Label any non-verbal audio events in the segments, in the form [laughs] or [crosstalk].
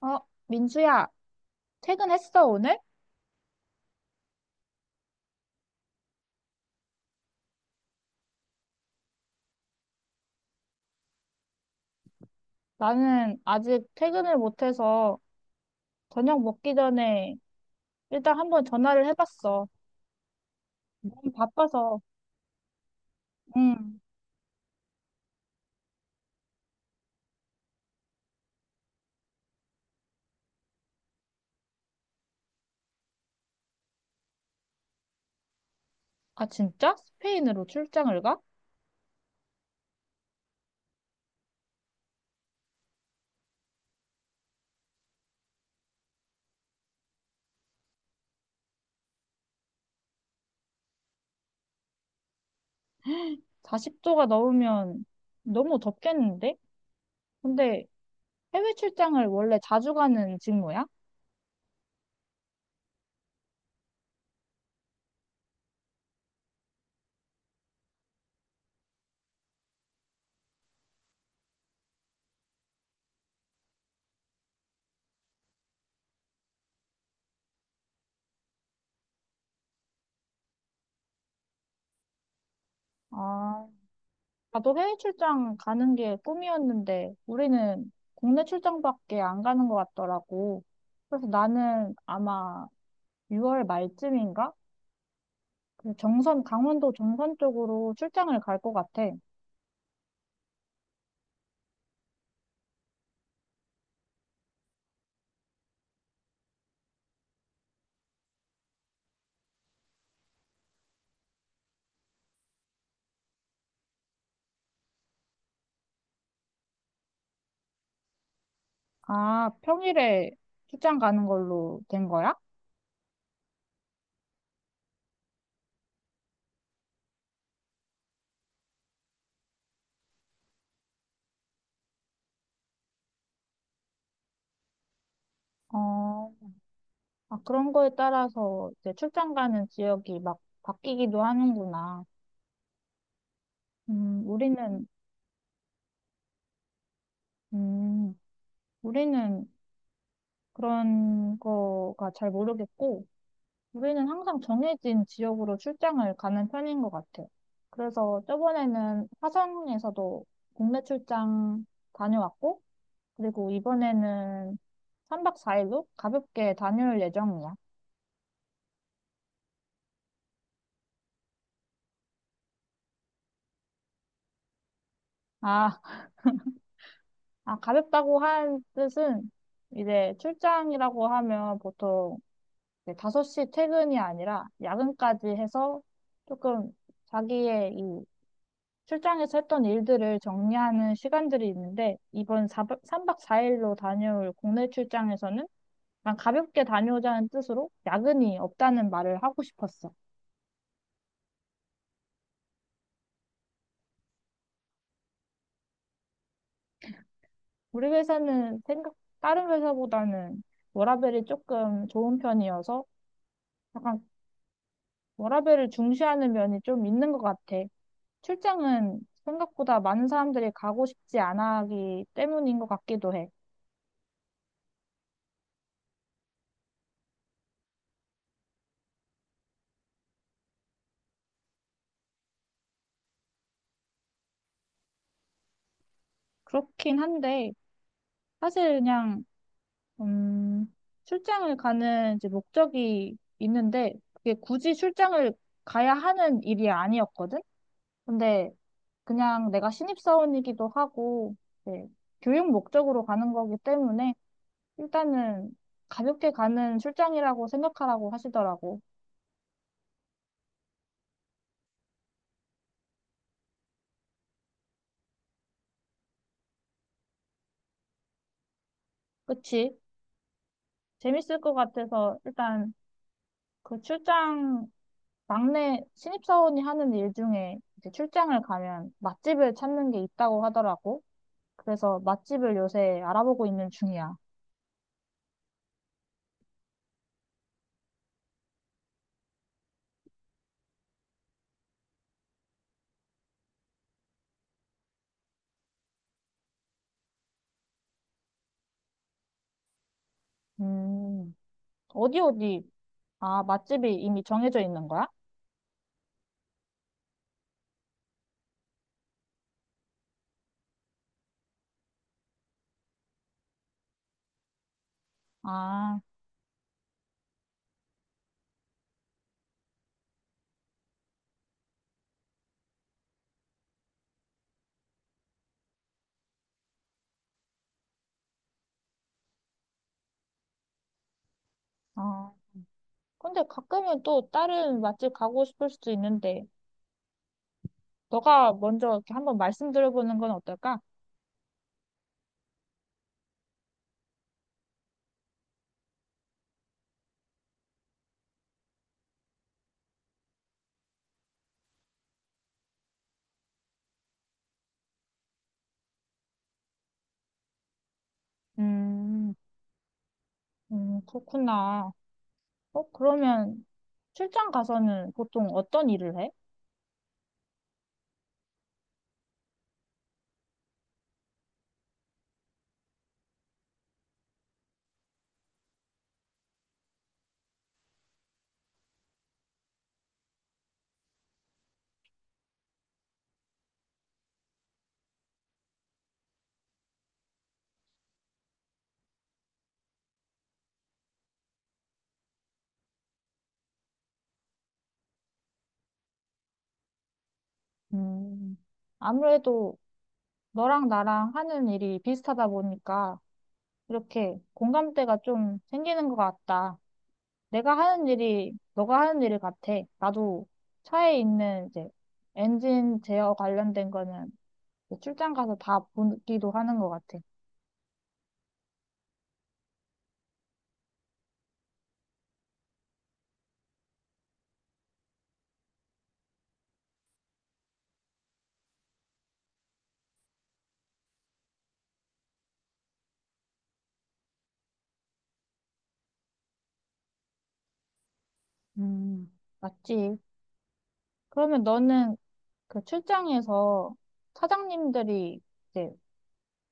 어, 민수야, 퇴근했어, 오늘? 나는 아직 퇴근을 못해서 저녁 먹기 전에 일단 한번 전화를 해봤어. 너무 바빠서. 응. 아, 진짜? 스페인으로 출장을 가? 40도가 넘으면 너무 덥겠는데? 근데 해외 출장을 원래 자주 가는 직무야? 아, 나도 해외 출장 가는 게 꿈이었는데 우리는 국내 출장밖에 안 가는 것 같더라고. 그래서 나는 아마 6월 말쯤인가? 그 정선, 강원도 정선 쪽으로 출장을 갈 것 같아. 아, 평일에 출장 가는 걸로 된 거야? 어, 아, 그런 거에 따라서 이제 출장 가는 지역이 막 바뀌기도 하는구나. 음, 우리는, 음, 우리는 그런 거가 잘 모르겠고, 우리는 항상 정해진 지역으로 출장을 가는 편인 것 같아. 그래서 저번에는 화성에서도 국내 출장 다녀왔고, 그리고 이번에는 3박 4일로 가볍게 다녀올 예정이야. 아, 아, 가볍다고 한 뜻은 이제 출장이라고 하면 보통 이제 5시 퇴근이 아니라 야근까지 해서 조금 자기의 이 출장에서 했던 일들을 정리하는 시간들이 있는데 이번 3박 4일로 다녀올 국내 출장에서는 그냥 가볍게 다녀오자는 뜻으로 야근이 없다는 말을 하고 싶었어. 우리 회사는 생각, 다른 회사보다는 워라밸이 조금 좋은 편이어서 약간 워라밸을 중시하는 면이 좀 있는 것 같아. 출장은 생각보다 많은 사람들이 가고 싶지 않아 하기 때문인 것 같기도 해. 그렇긴 한데, 사실 그냥, 음, 출장을 가는 이제 목적이 있는데, 그게 굳이 출장을 가야 하는 일이 아니었거든? 근데 그냥 내가 신입사원이기도 하고, 네, 교육 목적으로 가는 거기 때문에 일단은 가볍게 가는 출장이라고 생각하라고 하시더라고. 그치? 재밌을 것 같아서 일단 그 출장, 막내 신입사원이 하는 일 중에 이제 출장을 가면 맛집을 찾는 게 있다고 하더라고. 그래서 맛집을 요새 알아보고 있는 중이야. 음, 어디 어디? 아, 맛집이 이미 정해져 있는 거야? 아, 어. 근데 가끔은 또 다른 맛집 가고 싶을 수도 있는데, 너가 먼저 이렇게 한번 말씀드려보는 건 어떨까? 음, 그렇구나. 어, 그러면 출장 가서는 보통 어떤 일을 해? 음, 아무래도 너랑 나랑 하는 일이 비슷하다 보니까 이렇게 공감대가 좀 생기는 것 같다. 내가 하는 일이 너가 하는 일 같아. 나도 차에 있는 이제 엔진 제어 관련된 거는 출장 가서 다 보기도 하는 것 같아. 음. 맞지? 그러면 너는 그 출장에서 사장님들이 이제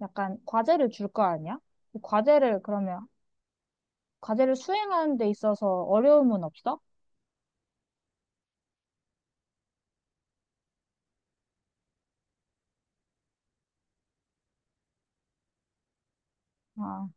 약간 과제를 줄 거 아니야? 그 과제를 그러면 과제를 수행하는 데 있어서 어려움은 없어? 아,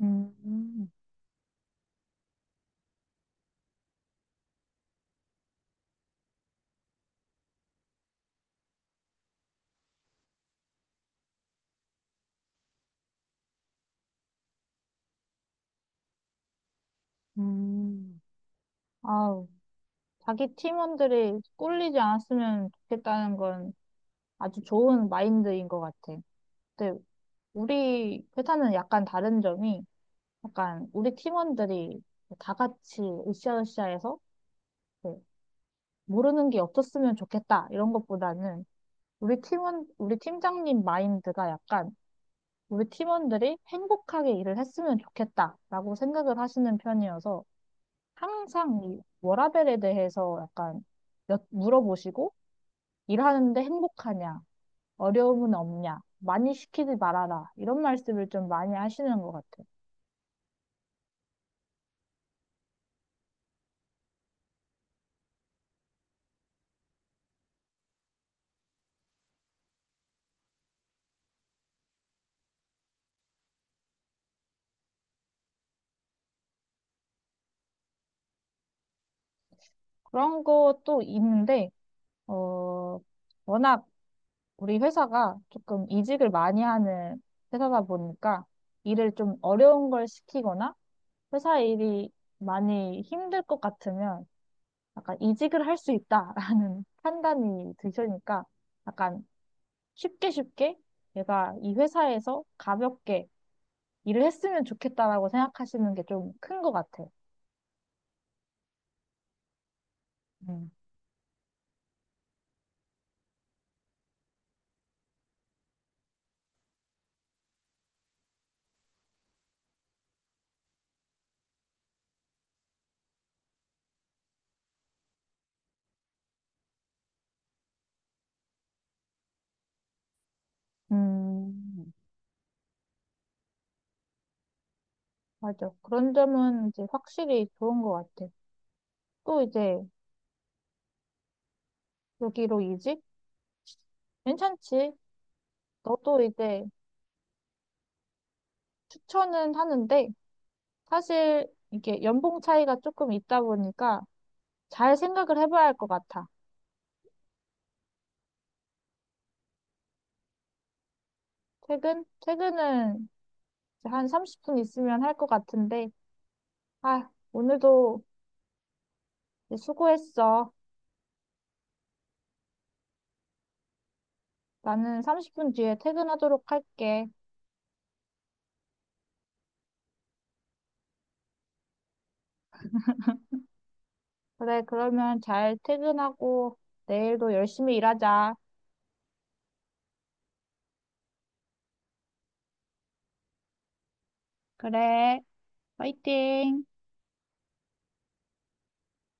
음. 음. 아우, 자기 팀원들이 꿀리지 않았으면 좋겠다는 건 아주 좋은 마인드인 것 같아. 근데 우리 회사는 약간 다른 점이 약간 우리 팀원들이 다 같이 으쌰으쌰해서 뭐 모르는 게 없었으면 좋겠다 이런 것보다는 우리 팀원 우리 팀장님 마인드가 약간 우리 팀원들이 행복하게 일을 했으면 좋겠다라고 생각을 하시는 편이어서 항상 이 워라밸에 대해서 약간 물어보시고 일하는데 행복하냐 어려움은 없냐 많이 시키지 말아라 이런 말씀을 좀 많이 하시는 것 같아요. 그런 것도 있는데 어 워낙 우리 회사가 조금 이직을 많이 하는 회사다 보니까 일을 좀 어려운 걸 시키거나 회사 일이 많이 힘들 것 같으면 약간 이직을 할 수 있다라는 [laughs] 판단이 드시니까 약간 쉽게 쉽게 얘가 이 회사에서 가볍게 일을 했으면 좋겠다라고 생각하시는 게 좀 큰 것 같아. 음. 음, 맞아. 그런 점은 이제 확실히 좋은 것 같아. 또 이제 여기로 이직? 괜찮지. 너도 이제 추천은 하는데 사실 이게 연봉 차이가 조금 있다 보니까 잘 생각을 해봐야 할 것 같아. 퇴근? 퇴근은 이제 한 30분 있으면 할 것 같은데 아, 오늘도 이제 수고했어. 나는 30분 뒤에 퇴근하도록 할게. 그래, 그러면 잘 퇴근하고 내일도 열심히 일하자. 그래, 화이팅!